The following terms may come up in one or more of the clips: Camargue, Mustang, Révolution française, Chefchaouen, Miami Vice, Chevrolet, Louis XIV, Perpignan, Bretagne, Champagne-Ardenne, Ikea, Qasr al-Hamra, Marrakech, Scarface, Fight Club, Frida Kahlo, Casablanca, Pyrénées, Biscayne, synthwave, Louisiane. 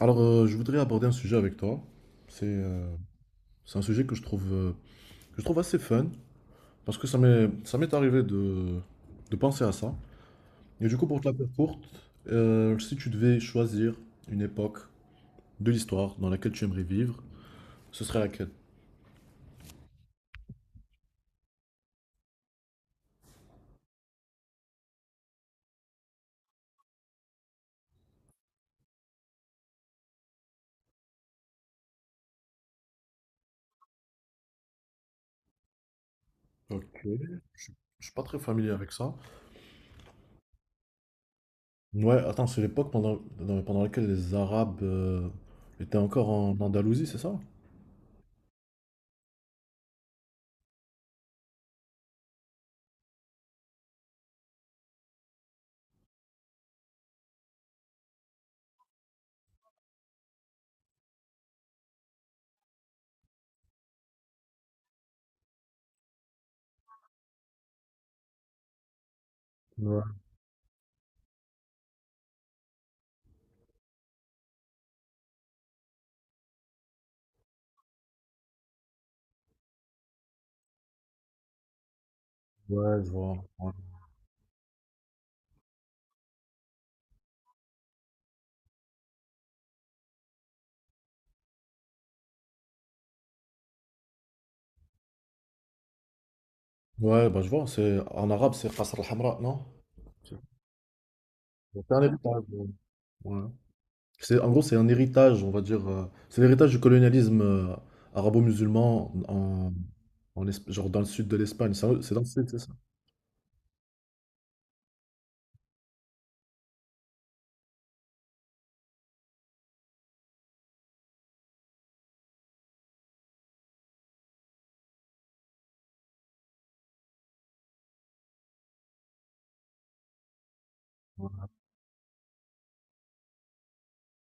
Alors, je voudrais aborder un sujet avec toi. C'est euh, c'est un sujet que je trouve assez fun, parce que ça m'est arrivé de penser à ça. Et du coup, pour te la faire courte, si tu devais choisir une époque de l'histoire dans laquelle tu aimerais vivre, ce serait laquelle? Ok. Je, je suis pas très familier avec ça. Ouais, attends, c'est l'époque pendant laquelle les Arabes étaient encore en Andalousie, c'est ça? Ouais, ouais, je vois. Ouais, ouais, bah je vois, c'est en arabe, c'est Qasr al-Hamra, non? Donc, c'est un héritage. Ouais. C'est, en gros, c'est un héritage, on va dire. C'est l'héritage du colonialisme arabo-musulman genre dans le sud de l'Espagne. C'est dans le sud, c'est ça?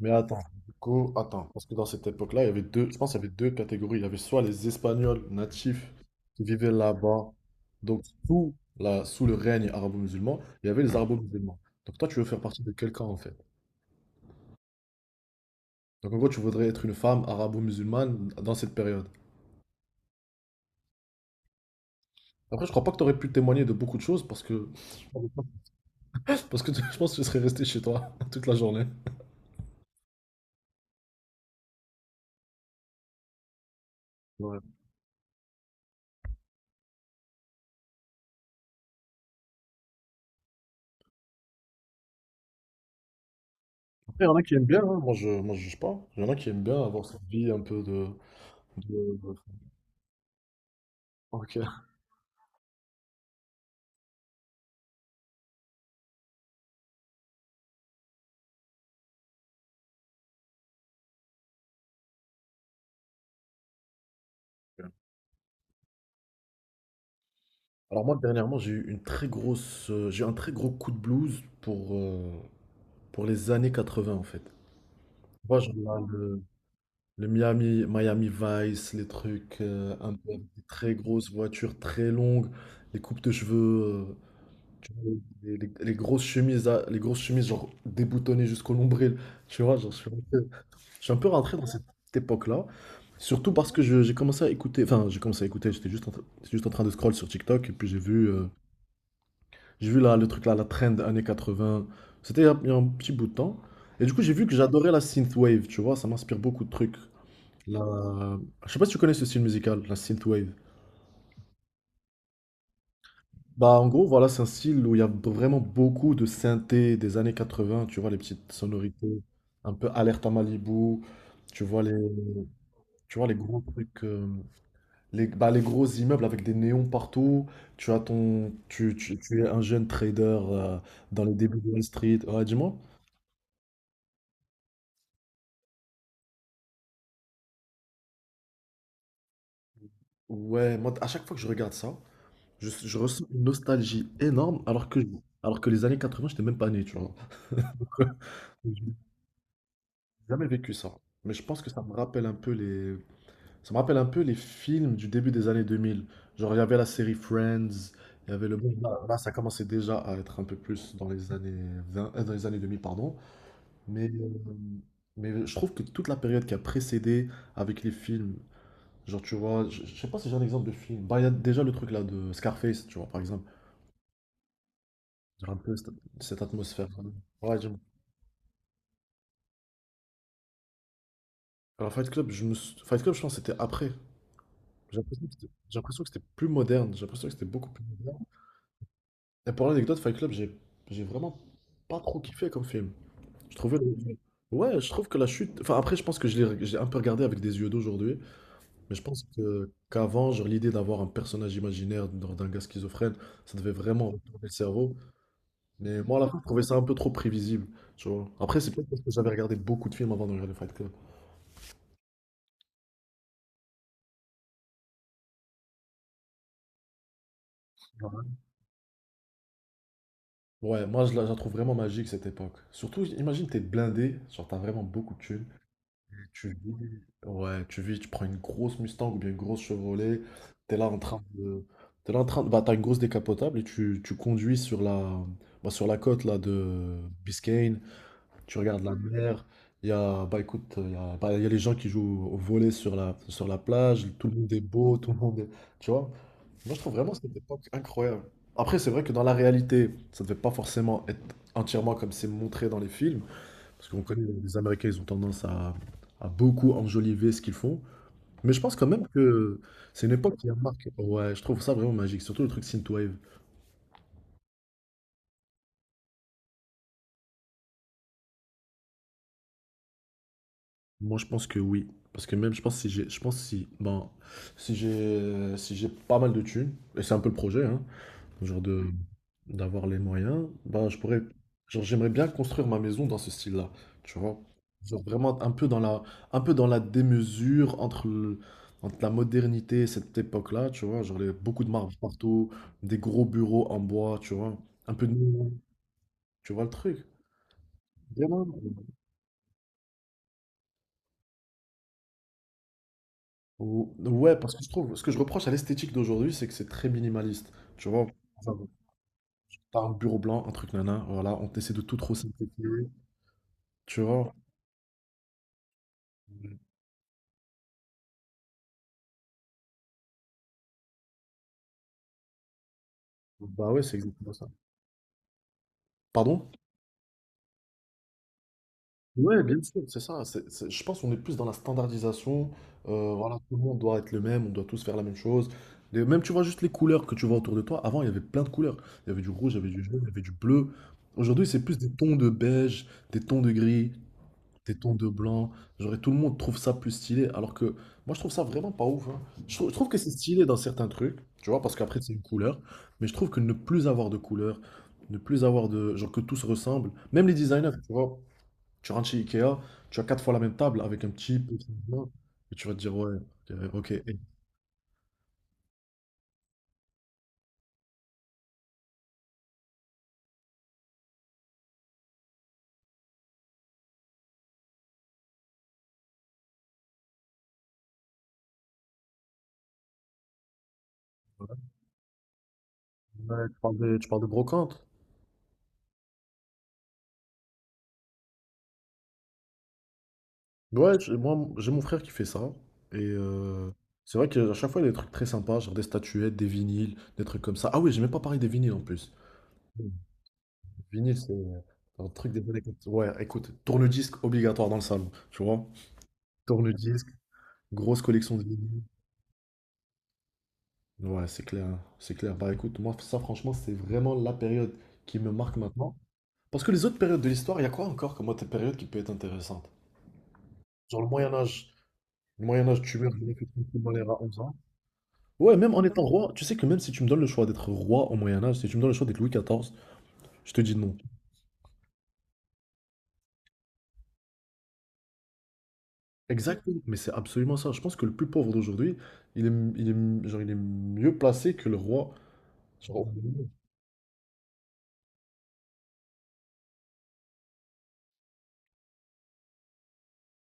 Mais attends, du coup, attends, parce que dans cette époque-là, il y avait deux, je pense qu'il y avait deux catégories. Il y avait soit les Espagnols natifs qui vivaient là-bas, donc sous le règne arabo-musulman, il y avait les arabo-musulmans. Donc toi, tu veux faire partie de quel camp en fait? Donc en gros, tu voudrais être une femme arabo-musulmane dans cette période. Après, je crois pas que tu aurais pu témoigner de beaucoup de choses parce que parce que tu- je pense que tu serais resté chez toi toute la journée. Ouais. Après, il y en a qui aiment bien, hein. Moi je juge pas. Il y en a qui aiment bien avoir cette vie un peu de. Ok. Alors moi dernièrement, j'ai eu un très gros coup de blues pour les années 80 en fait. Moi, Le Miami, Miami Vice, les trucs, un peu avec des très grosses voitures très longues, les coupes de cheveux, euh, tu vois, les grosses chemises genre déboutonnées jusqu'au nombril. Tu vois, genre, je suis un peu rentré dans cette époque-là. Surtout parce que j'ai commencé à écouter, enfin j'ai commencé à écouter, j'étais juste en train de scroll sur TikTok et puis j'ai vu là, le truc là, la trend années 80, c'était il y a un petit bout de temps. Et du coup j'ai vu que j'adorais la synthwave, tu vois, ça m'inspire beaucoup de trucs. La- Je sais pas si tu connais ce style musical, la synthwave. Bah en gros voilà, c'est un style où il y a vraiment beaucoup de synthé des années 80, tu vois, les petites sonorités, un peu alerte à Malibu, tu vois les, tu vois les gros trucs, bah, les gros immeubles avec des néons partout, tu as ton, tu es un jeune trader euh, dans les débuts de Wall Street, ouais dis-moi. Ouais, moi à chaque fois que je regarde ça, je ressens une nostalgie énorme alors que les années 80 j'étais même pas né, tu vois. Jamais vécu ça. Mais je pense que ça me rappelle un peu les... Ça me rappelle un peu les films du début des années 2000. Genre, il y avait la série Friends, il y avait le... Bon, là, là, ça commençait déjà à être un peu plus dans les années 20, dans les années 2000 pardon. Mais, euh, mais je trouve que toute la période qui a précédé avec les films, genre, tu vois, je sais pas si j'ai un exemple de film. Bah, il y a déjà le truc là de Scarface, tu vois, par exemple. Genre un peu cette, cette atmosphère. Ouais, j'aime. Alors, Fight Club, Fight Club, je pense que c'était après. J'ai l'impression que c'était plus moderne. J'ai l'impression que c'était beaucoup plus moderne. Et pour l'anecdote, Fight Club, j'ai vraiment pas trop kiffé comme film. Je trouvais le- Ouais, je trouve que la chute. Enfin, après, je pense que je l'ai j'ai un peu regardé avec des yeux d'aujourd'hui. Mais je pense que qu'avant, genre, l'idée d'avoir un personnage imaginaire d'un gars schizophrène, ça devait vraiment retourner le cerveau. Mais moi, à la fin, je trouvais ça un peu trop prévisible. Tu vois. Après, c'est peut-être parce que j'avais regardé beaucoup de films avant de regarder Fight Club. Ouais, moi, je la trouve vraiment magique cette époque. Surtout, imagine, t'es blindé, genre, t'as vraiment beaucoup de thunes. Tu vis, ouais, tu vis, tu, prends une grosse Mustang ou bien une grosse Chevrolet, t'es là en train de, t'es là en train de, bah, t'as une grosse décapotable et tu conduis sur la, bah, sur la côte là de Biscayne, tu regardes la mer, il y a, bah écoute, il y a, bah, il y a les gens qui jouent au volley sur la plage, tout le monde est beau, tout le monde est, tu vois. Moi je trouve vraiment cette époque incroyable. Après c'est vrai que dans la réalité, ça ne devait pas forcément être entièrement comme c'est montré dans les films, parce qu'on connaît les Américains, ils ont tendance à beaucoup enjoliver ce qu'ils font. Mais je pense quand même que c'est une époque qui a marqué. Ouais, je trouve ça vraiment magique. Surtout le truc synthwave. Moi, je pense que oui. Parce que même, je pense si j'ai, je pense si, ben, si j'ai pas mal de thunes, et c'est un peu le projet, hein, genre de d'avoir les moyens, bah je pourrais, genre j'aimerais bien construire ma maison dans ce style-là, tu vois. Genre vraiment un peu dans la un peu dans la démesure entre la modernité et cette époque-là, tu vois, genre les- beaucoup de marbre partout, des gros bureaux en bois, tu vois, un peu de néon, tu vois le truc. Vraiment. Ouais, parce que je trouve, ce que je reproche à l'esthétique d'aujourd'hui, c'est que c'est très minimaliste. Tu vois, genre, t'as un bureau blanc, un truc nana, voilà, on essaie de tout trop simplifier. Tu vois? Bah ouais, c'est exactement ça. Pardon? Ouais, bien sûr, c'est ça. Je pense qu'on est plus dans la standardisation. Voilà, tout le monde doit être le même, on doit tous faire la même chose. Et même, tu vois, juste les couleurs que tu vois autour de toi. Avant, il y avait plein de couleurs. Il y avait du rouge, il y avait du jaune, il y avait du bleu. Aujourd'hui, c'est plus des tons de beige, des tons de gris, des tons de blanc. Genre, et tout le monde trouve ça plus stylé. Alors que moi, je trouve ça vraiment pas ouf, hein. Je trouve que c'est stylé dans certains trucs, tu vois, parce qu'après, c'est une couleur. Mais je trouve que ne plus avoir de couleurs, ne plus avoir de. Genre, que tout se ressemble. Même les designers, tu vois. Tu rentres chez Ikea, tu as 4 fois la même table avec un petit peu de changement, et tu vas te dire, ouais, ok. Ok. Ouais, tu parles de brocante? Ouais, moi, j'ai mon frère qui fait ça, et c'est vrai qu'à chaque fois, il y a des trucs très sympas, genre des statuettes, des vinyles, des trucs comme ça. Ah oui, j'ai même pas parlé des vinyles en plus. Les vinyles, c'est un truc des années 80. Ouais, écoute, tourne-disque obligatoire dans le salon, tu vois? Tourne-disque, grosse collection de vinyles. Ouais, c'est clair, c'est clair. Bah écoute, moi, ça, franchement, c'est vraiment la période qui me marque maintenant. Parce que les autres périodes de l'histoire, il y a quoi encore comme autre période qui peut être intéressante? Genre le Moyen Âge. Le Moyen Âge, tu meurs, je n'ai que 30 malheur à 11 ans. Ouais, même en étant roi, tu sais que même si tu me donnes le choix d'être roi au Moyen Âge, si tu me donnes le choix d'être Louis XIV, je te dis non. Exactement, mais c'est absolument ça. Je pense que le plus pauvre d'aujourd'hui, il est, genre, il est mieux placé que le roi. Genre, au Moyen Âge.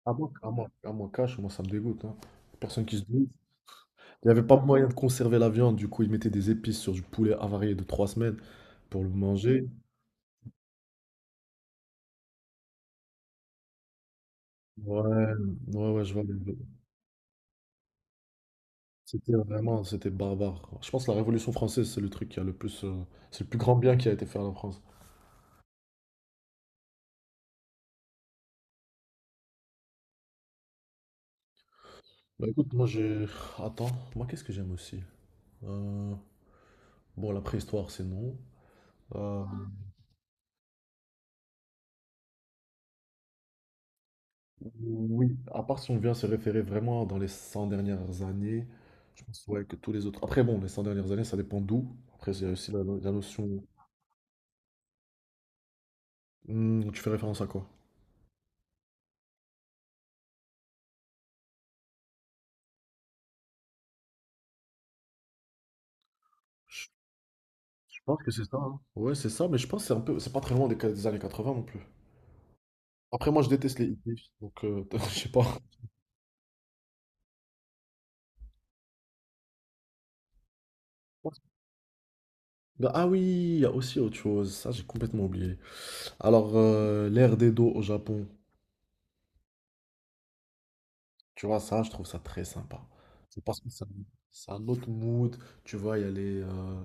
Cash, moi ça me dégoûte, hein. Personne qui se douce. Il n'y avait pas moyen de conserver la viande, du coup ils mettaient des épices sur du poulet avarié de 3 semaines pour le manger. Ouais, ouais, ouais, je vois. C'était vraiment, c'était barbare. Je pense que la Révolution française, c'est le truc qui a le c'est le plus grand bien qui a été fait à la France. Bah écoute, moi j'ai, attends, moi qu'est-ce que j'aime aussi? Euh, Bon, la préhistoire, c'est non. Euh, Oui, à part si on vient se référer vraiment dans les 100 dernières années, je pense ouais, que tous les autres. Après bon, les 100 dernières années, ça dépend d'où. Après, c'est aussi la notion. Hmm, tu fais référence à quoi? Je je pense que c'est ça, hein. Ouais, c'est ça, mais je pense que c'est un peu, c'est pas très loin des années 20 non plus. Après, moi, je déteste les hittifs, donc je sais pas. Bah, ah oui, il y a aussi autre chose. Ça, j'ai complètement oublié. Alors, l'ère des dos au Japon, tu vois, ça, je trouve ça très sympa. C'est parce que ça- C'est un autre mood. Tu vois, il y a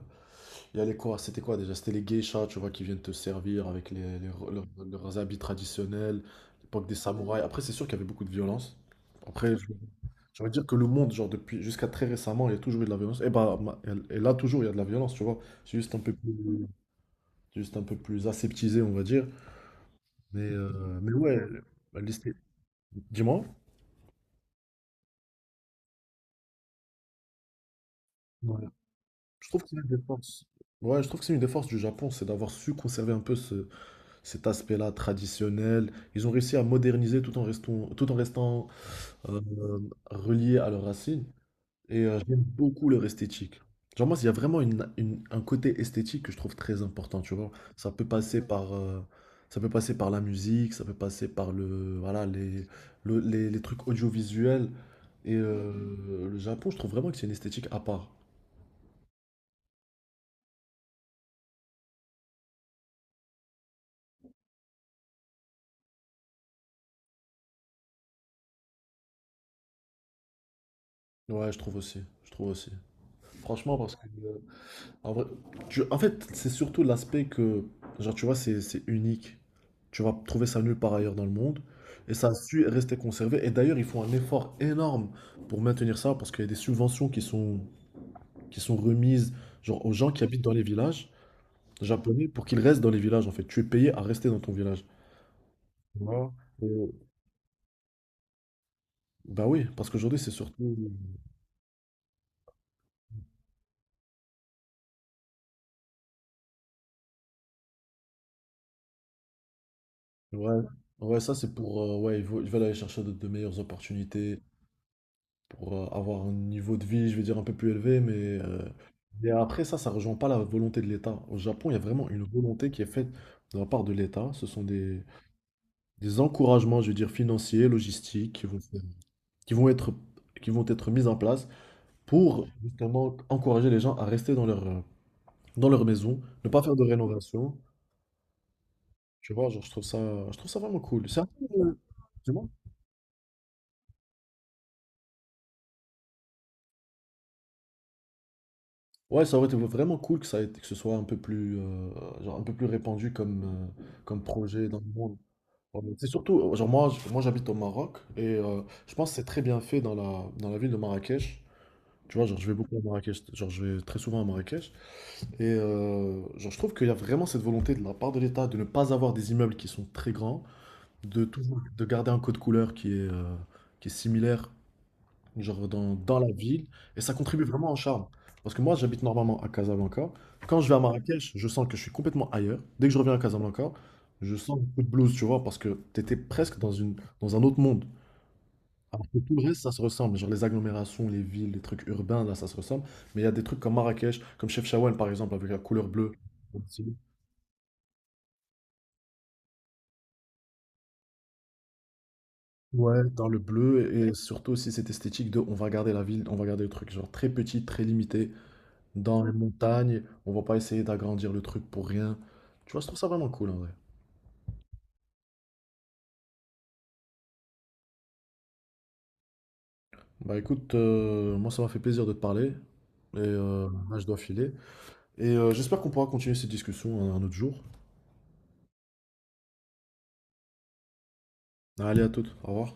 il y a les quoi, c'était quoi déjà? C'était les geishas, tu vois, qui viennent te servir avec leurs habits traditionnels, l'époque des samouraïs. Après, c'est sûr qu'il y avait beaucoup de violence. Après, je- J'ai envie de dire que le monde, genre, depuis jusqu'à très récemment, il y a toujours eu de la violence. Et là, toujours, il y a de la violence, tu vois. C'est juste un peu plus, c'est juste un peu plus aseptisé, on va dire. Mais ouais, bah, l'esti- dis-moi. Ouais. Je trouve que c'est une des forces. Ouais, je trouve que c'est une des forces du Japon, c'est d'avoir su conserver un peu cet aspect-là traditionnel. Ils ont réussi à moderniser tout en restant euh, reliés à leurs racines. Et j'aime beaucoup leur esthétique. Genre moi, il y a vraiment un côté esthétique que je trouve très important, tu vois. Ça peut passer par, ça peut passer par la musique, ça peut passer par le, voilà, les, le- les trucs audiovisuels. Et le Japon, je trouve vraiment que c'est une esthétique à part. Je trouve aussi. Franchement, parce que en vrai, en fait, c'est surtout l'aspect que, genre, tu vois, c'est unique. Tu vas trouver ça nulle part ailleurs dans le monde. Et ça a su rester conservé. Et d'ailleurs, ils font un effort énorme pour maintenir ça parce qu'il y a des subventions qui sont remises, genre, aux gens qui habitent dans les villages japonais pour qu'ils restent dans les villages, en fait. Tu es payé à rester dans ton village. Tu vois? Et- bah oui, parce qu'aujourd'hui, c'est surtout. Ouais, ouais, ça, c'est pour, ouais, ils veulent aller chercher de meilleures opportunités pour avoir un niveau de vie, je vais dire, un peu plus élevé, euh, mais après ça, ça rejoint pas la volonté de l'État. Au Japon, il y a vraiment une volonté qui est faite de la part de l'État. Ce sont des encouragements, je veux dire, financiers, logistiques, qui vont être, qui vont être mis en place pour justement encourager les gens à rester dans leur maison, ne pas faire de rénovation. Tu vois, genre, je trouve ça vraiment cool. C'est un peu, dis-moi. Ouais, ça aurait été vraiment cool que ce soit un peu plus, genre un peu plus répandu comme projet dans le monde. Ouais, mais c'est surtout, genre moi, moi j'habite au Maroc et je pense que c'est très bien fait dans dans la ville de Marrakech. Tu vois, genre je vais beaucoup à Marrakech, genre je vais très souvent à Marrakech. Et genre je trouve qu'il y a vraiment cette volonté de la part de l'État de ne pas avoir des immeubles qui sont très grands, de toujours de garder un code couleur qui est similaire genre dans la ville, et ça contribue vraiment au charme. Parce que moi, j'habite normalement à Casablanca. Quand je vais à Marrakech, je sens que je suis complètement ailleurs. Dès que je reviens à Casablanca, je sens beaucoup de blues, tu vois, parce que t'étais presque dans dans un autre monde. Alors que tout le reste, ça se ressemble. Genre les agglomérations, les villes, les trucs urbains, là, ça se ressemble. Mais il y a des trucs comme Marrakech, comme Chefchaouen, par exemple, avec la couleur bleue. Ouais, dans le bleu, et surtout aussi cette esthétique de on va garder la ville, on va garder le truc, genre très petit, très limité, dans les montagnes, on va pas essayer d'agrandir le truc pour rien. Tu vois, je trouve ça vraiment cool en vrai. Bah écoute, moi ça m'a fait plaisir de te parler. Et là, je dois filer. Et j'espère qu'on pourra continuer cette discussion un autre jour. Allez, à toutes. Au revoir.